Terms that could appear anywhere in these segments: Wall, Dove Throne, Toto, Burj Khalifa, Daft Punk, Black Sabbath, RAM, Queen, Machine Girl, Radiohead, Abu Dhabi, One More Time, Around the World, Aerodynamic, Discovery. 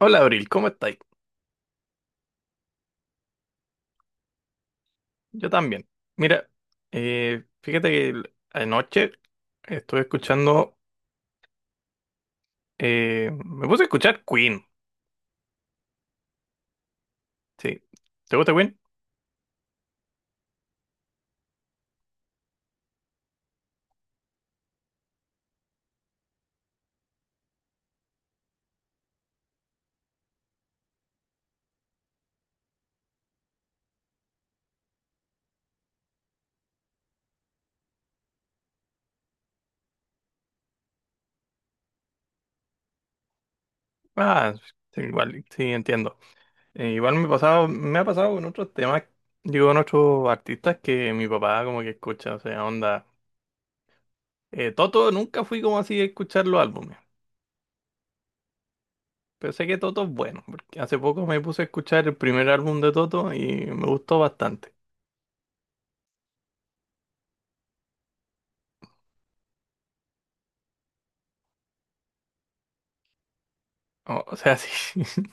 Hola Abril, ¿cómo estáis? Yo también. Mira, fíjate que anoche estuve escuchando, me puse a escuchar Queen, sí. ¿Te gusta Queen? Ah, sí, igual, sí, entiendo. Igual me ha pasado con otros temas, digo, con otros artistas que mi papá como que escucha, o sea, onda. Toto nunca fui como así a escuchar los álbumes, pero sé que Toto es bueno, porque hace poco me puse a escuchar el primer álbum de Toto y me gustó bastante. O sea, sí.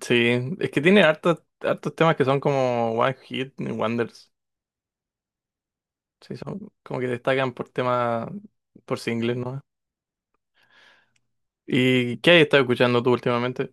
Sí, es que tiene hartos temas que son como One Hit Wonders. Sí, son como que destacan por temas, por singles, ¿no? ¿Y qué has estado escuchando tú últimamente?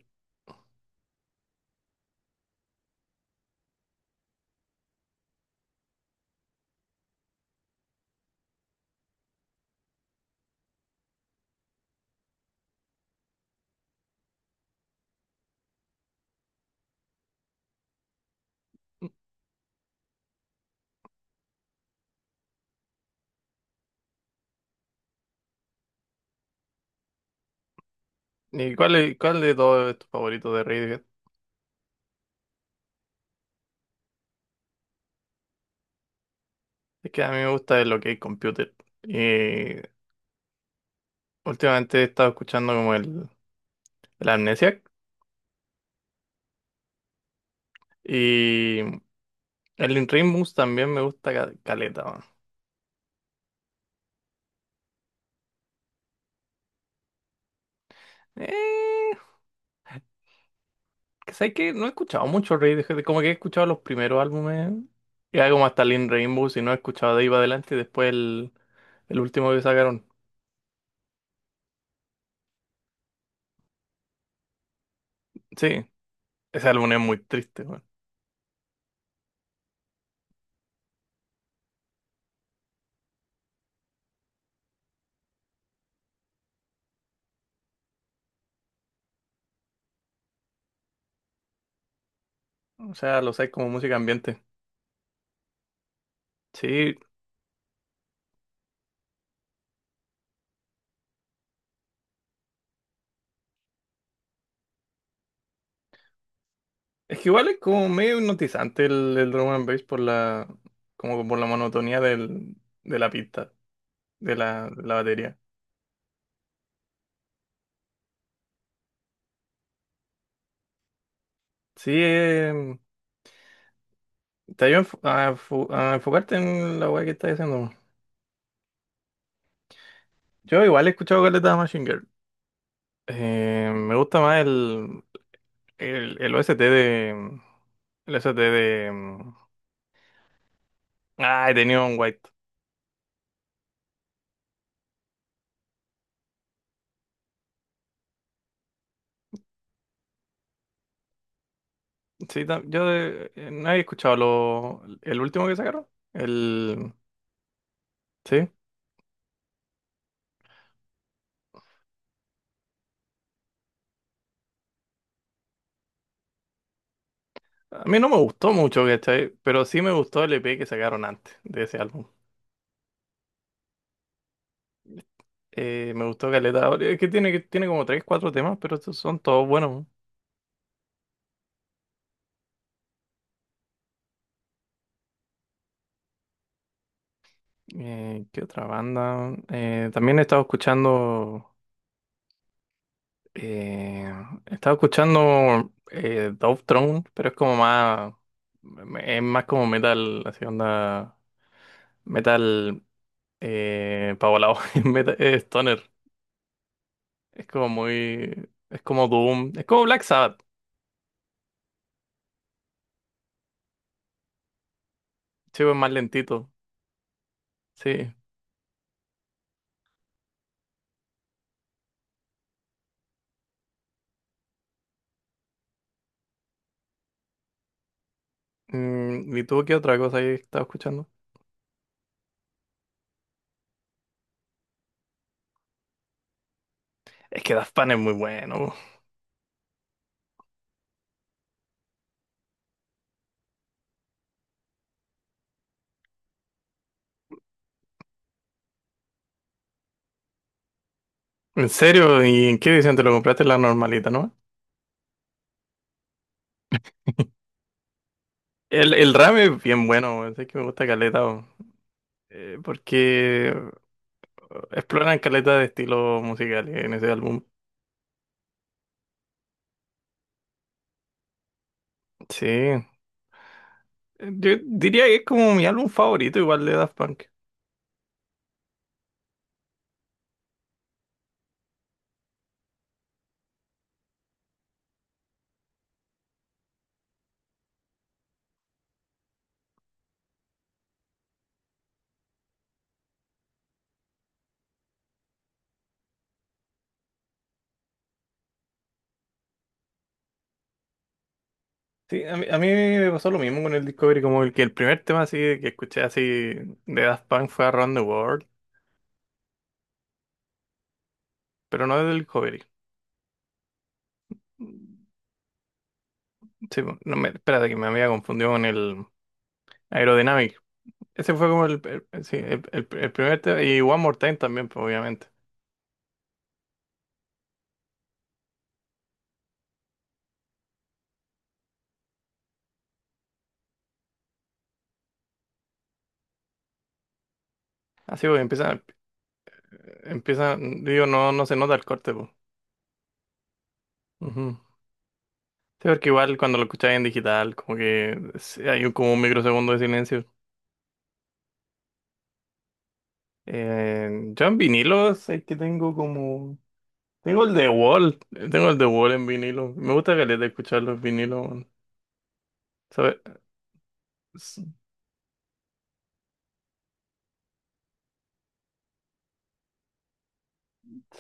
Y cuál, ¿cuál de todos es tu favorito de Radiohead? Es que a mí me gusta lo que es Computer. Y últimamente he estado escuchando como el Amnesiac. Y el In Rainbows también me gusta caleta, weón. ¿Sabes que no he escuchado mucho Radiohead? Como que he escuchado los primeros álbumes, y algo más Talin Rainbow, si no he escuchado de ahí para adelante, y después el último que sacaron. Sí, ese álbum es muy triste, weón. O sea, lo sé como música ambiente. Sí, es que igual es como medio hipnotizante el drum and bass por como por la monotonía de la pista, de de la batería. Sí, te ayuda a, a enfocarte en la weá que estás haciendo. Yo igual he escuchado Caleta de Machine Girl. Me gusta más el OST de. El OST de. Ah, he tenido un White. Sí, no había escuchado el último que sacaron. El. Sí. A mí no me gustó mucho, ¿cachai? Pero sí me gustó el EP que sacaron antes de ese álbum. Me gustó Caleta. Ahora, es que que tiene como 3 4 temas, pero estos son todos buenos. ¿Qué otra banda? También he estado escuchando. Eh, estaba escuchando Dove Throne, pero es como más. Es más como metal, así onda. Metal. Pavolao, metal, stoner. Es como muy. Es como Doom. Es como Black Sabbath. Sí, es más lentito. Sí. Mm, ¿y tú qué otra cosa ahí estaba escuchando? Es que Daft Punk es muy bueno. ¿En serio? ¿Y en qué edición te lo compraste? La normalita, ¿no? El RAM es bien bueno, weón, sé que me gusta caleta, weón. Porque exploran caleta de estilos musicales en ese álbum. Sí. Yo diría que es como mi álbum favorito igual de Daft Punk. Sí, a mí me pasó lo mismo con el Discovery, como el primer tema así que escuché así de Daft Punk fue Around the World, pero no del Discovery. Sí, no me, espérate que me había confundido con el Aerodynamic. Ese fue como sí, el primer tema y One More Time también, pues, obviamente. Así pues empieza, empieza, digo, no, no se nota el corte, pues. Sí, porque igual cuando lo escucháis en digital, como que sí, hay como un microsegundo de silencio. Eh, yo en vinilos es que tengo como... Tengo el de Wall, tengo el de Wall en vinilo. Me gusta caleta escuchar los vinilos, weón. ¿Sabes? S-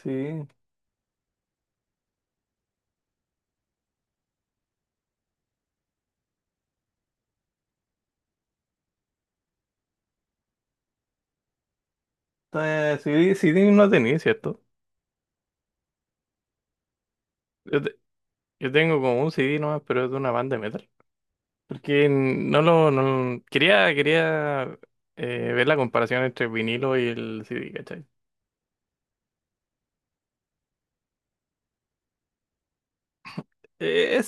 Sí, CD no tenía, ¿cierto? Yo, te- yo tengo como un CD nomás, pero es de una banda de metal. Porque no lo... No, quería ver la comparación entre el vinilo y el CD, ¿cachai? Es...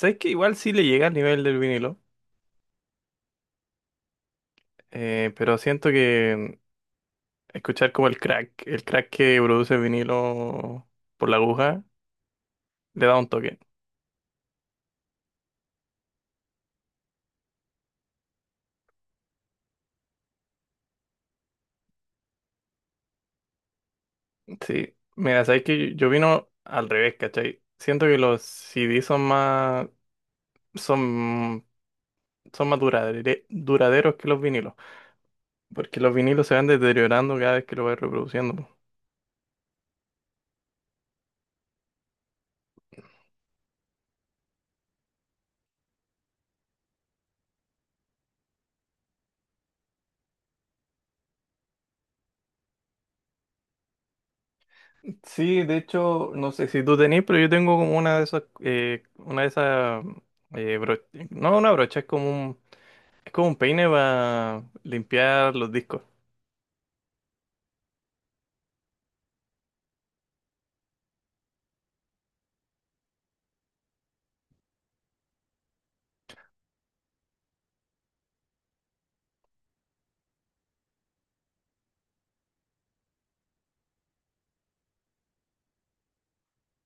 Sé que igual sí le llega al nivel del vinilo, pero siento que escuchar como el crack que produce el vinilo por la aguja, le da un toque. Sí, mira, sabes que yo vino al revés, ¿cachai? Siento que los CD son más, son, son más duraderos que los vinilos, porque los vinilos se van deteriorando cada vez que lo vas reproduciendo. Sí, de hecho, no sé si tú tenés, pero yo tengo como una de esas, eh, bro- no una brocha, es como un peine para limpiar los discos.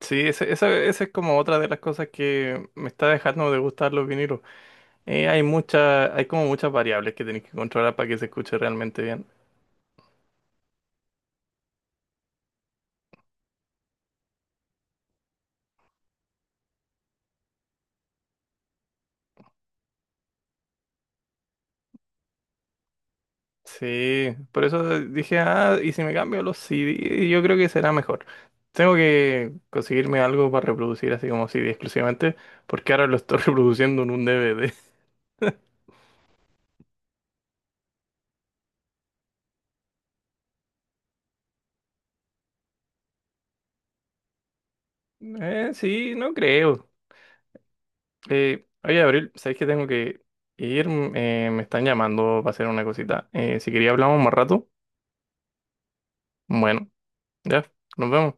Sí, esa es como otra de las cosas que me está dejando de gustar los vinilos. Hay como muchas variables que tenés que controlar para que se escuche realmente bien. Sí, por eso dije, ah, y si me cambio a los CD, yo creo que será mejor. Tengo que conseguirme algo para reproducir así como CD exclusivamente, porque ahora lo estoy reproduciendo en un DVD. Sí, no creo. Oye, Abril, ¿sabes que tengo que ir? Mm, me están llamando para hacer una cosita. Si quería hablamos más rato, bueno, ya, nos vemos.